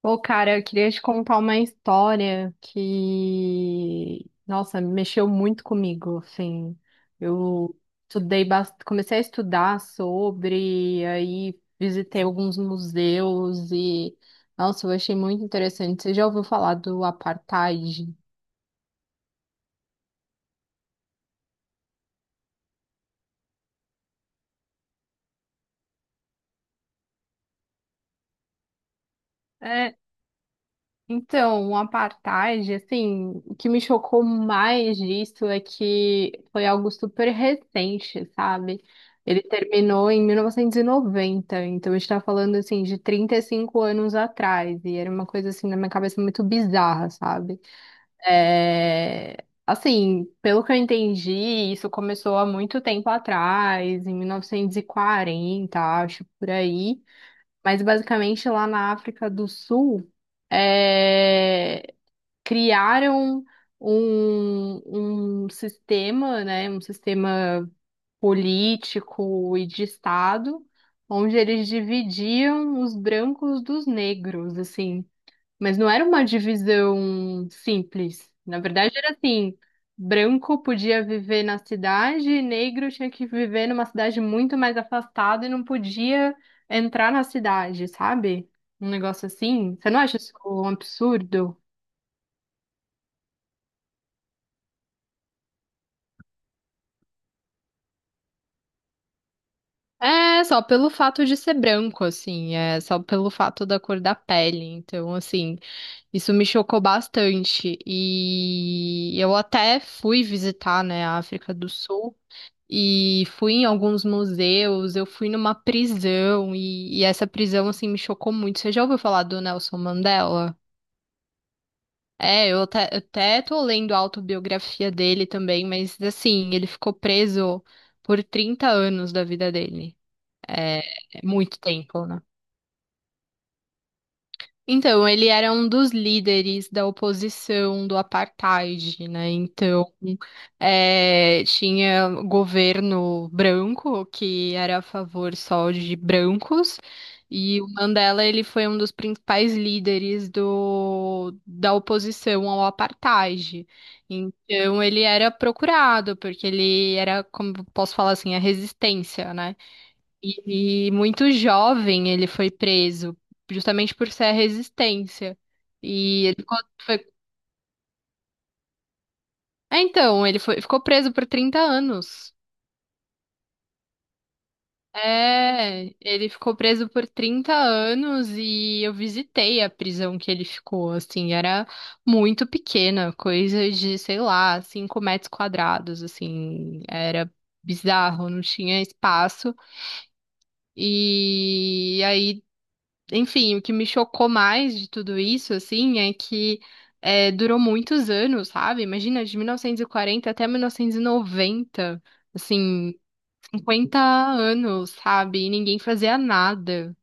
Pô, cara, eu queria te contar uma história que, nossa, mexeu muito comigo, assim. Eu estudei, comecei a estudar sobre, aí visitei alguns museus e, nossa, eu achei muito interessante. Você já ouviu falar do apartheid? Então, o apartheid, assim, o que me chocou mais disso é que foi algo super recente, sabe? Ele terminou em 1990, então a gente tá falando, assim, de 35 anos atrás, e era uma coisa, assim, na minha cabeça muito bizarra, sabe? É, Assim, pelo que eu entendi, isso começou há muito tempo atrás, em 1940, acho, por aí. Mas basicamente lá na África do Sul, é, criaram um sistema, né, um sistema político e de Estado, onde eles dividiam os brancos dos negros, assim. Mas não era uma divisão simples. Na verdade, era assim: branco podia viver na cidade, e negro tinha que viver numa cidade muito mais afastada e não podia entrar na cidade, sabe? Um negócio assim. Você não acha isso um absurdo? É, só pelo fato de ser branco, assim, é só pelo fato da cor da pele. Então, assim, isso me chocou bastante. E eu até fui visitar, né, a África do Sul. E fui em alguns museus, eu fui numa prisão e essa prisão assim me chocou muito. Você já ouviu falar do Nelson Mandela? É, eu até tô lendo a autobiografia dele também, mas assim, ele ficou preso por 30 anos da vida dele. É, é muito tempo, né? Então, ele era um dos líderes da oposição do apartheid, né? Então, tinha governo branco que era a favor só de brancos, e o Mandela ele foi um dos principais líderes do, da oposição ao apartheid. Então, ele era procurado porque ele era, como posso falar assim, a resistência, né? E muito jovem ele foi preso, justamente por ser a resistência. E ele ficou, foi- então, ele foi, ficou preso por 30 anos. É, ele ficou preso por 30 anos e eu visitei a prisão que ele ficou, assim, era muito pequena, coisa de, sei lá, 5 metros quadrados, assim, era bizarro, não tinha espaço. E aí Enfim, o que me chocou mais de tudo isso, assim, é que durou muitos anos, sabe? Imagina, de 1940 até 1990, assim, 50 anos, sabe? E ninguém fazia nada.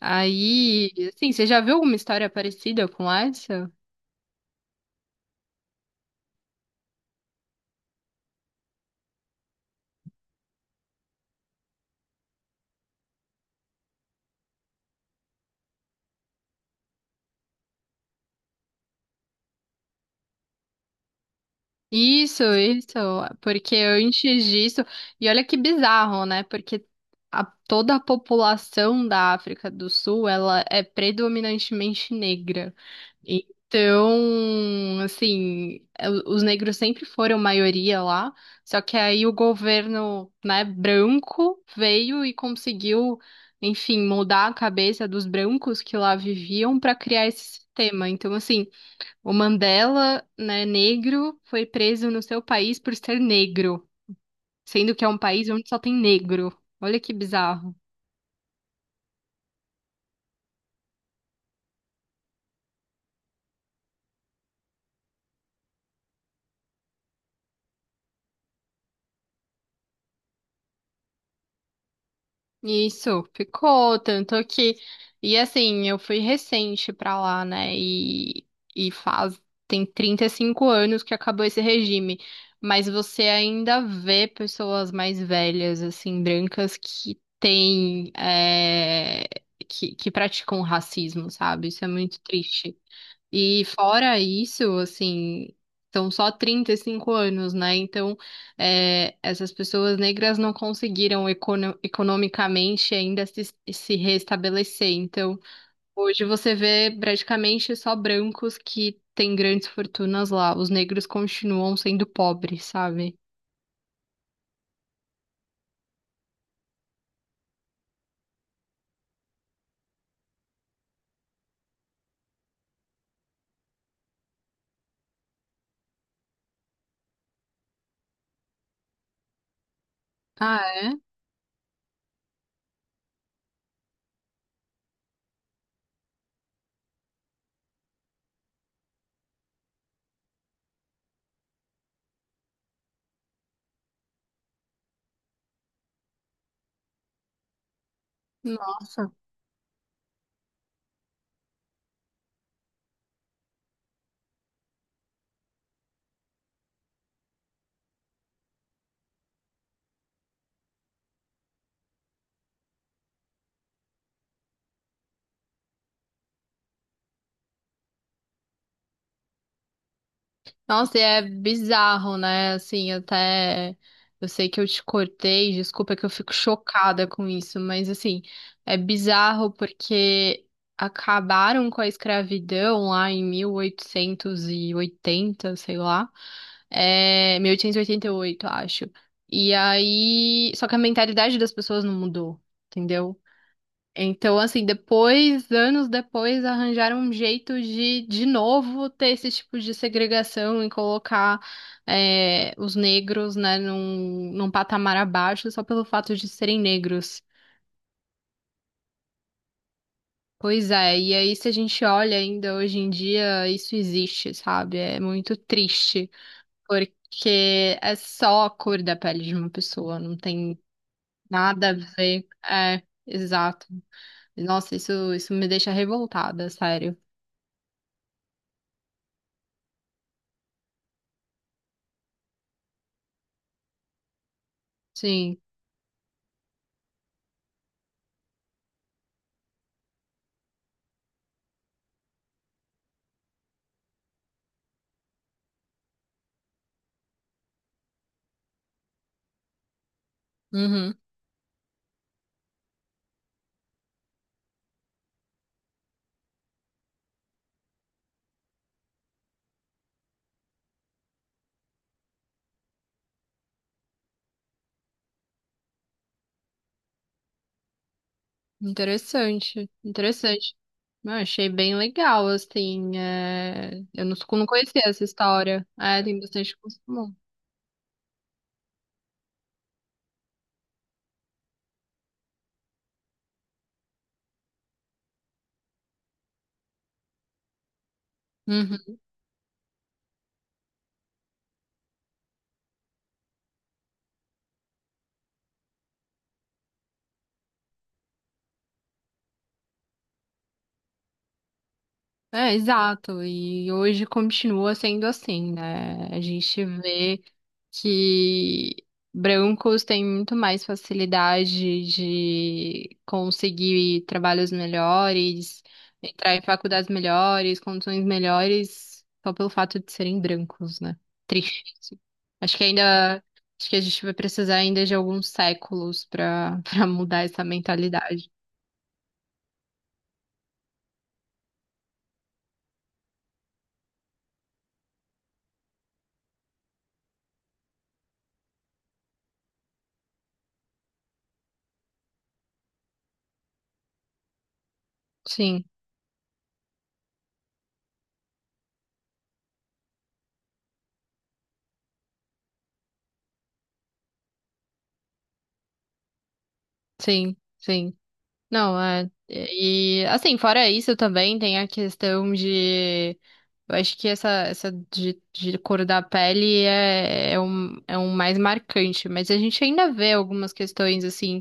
Aí, assim, você já viu alguma história parecida com essa? Isso, porque antes disso, e olha que bizarro, né? Porque toda a população da África do Sul, ela é predominantemente negra. Então, assim, é, os negros sempre foram maioria lá, só que aí o governo, né, branco veio e conseguiu, enfim, mudar a cabeça dos brancos que lá viviam para criar esse sistema. Então, assim, o Mandela, né, negro, foi preso no seu país por ser negro, sendo que é um país onde só tem negro. Olha que bizarro. Isso, ficou tanto que e assim, eu fui recente pra lá, né? E faz tem 35 anos que acabou esse regime, mas você ainda vê pessoas mais velhas assim, brancas que têm que praticam racismo, sabe? Isso é muito triste. E fora isso, assim, são só 35 anos, né? Então, essas pessoas negras não conseguiram economicamente ainda se restabelecer. Então, hoje você vê praticamente só brancos que têm grandes fortunas lá. Os negros continuam sendo pobres, sabe? Ah, é. Nossa. Nossa, e é bizarro, né? Assim, até eu sei que eu te cortei, desculpa que eu fico chocada com isso, mas assim, é bizarro porque acabaram com a escravidão lá em 1880, sei lá. É, 1888, acho. E aí, só que a mentalidade das pessoas não mudou, entendeu? Então, assim, depois, anos depois, arranjaram um jeito de novo, ter esse tipo de segregação e colocar os negros, né, num patamar abaixo só pelo fato de serem negros. Pois é, e aí se a gente olha ainda hoje em dia, isso existe, sabe? É muito triste, porque é só a cor da pele de uma pessoa, não tem nada a ver. É, exato. Nossa, isso me deixa revoltada, sério. Sim. Uhum. Interessante, interessante. Eu achei bem legal, assim. Eu não conhecia essa história. É, tem bastante coisa em comum. Uhum. É, exato. E hoje continua sendo assim, né? A gente vê que brancos têm muito mais facilidade de conseguir trabalhos melhores, entrar em faculdades melhores, condições melhores, só pelo fato de serem brancos, né? Triste. Isso. Acho que ainda, acho que a gente vai precisar ainda de alguns séculos para para mudar essa mentalidade. Sim, sim, sim. Não, é. E assim, fora isso também tem a questão de. Eu acho que essa de cor da pele é um mais marcante, mas a gente ainda vê algumas questões assim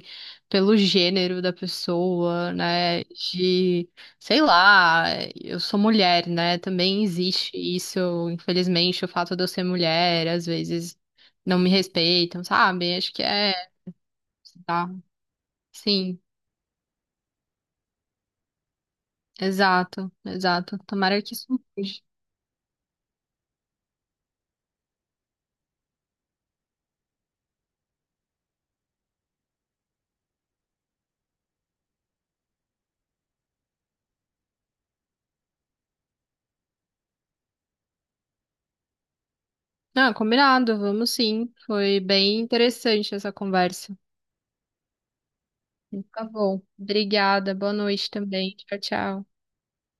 pelo gênero da pessoa, né? De, sei lá, eu sou mulher, né? Também existe isso, infelizmente, o fato de eu ser mulher, às vezes não me respeitam, sabe? Acho que é, tá, sim. Exato, exato. Tomara que isso mude. Ah, combinado, vamos sim. Foi bem interessante essa conversa. Tá bom. Obrigada, boa noite também. Tchau, tchau.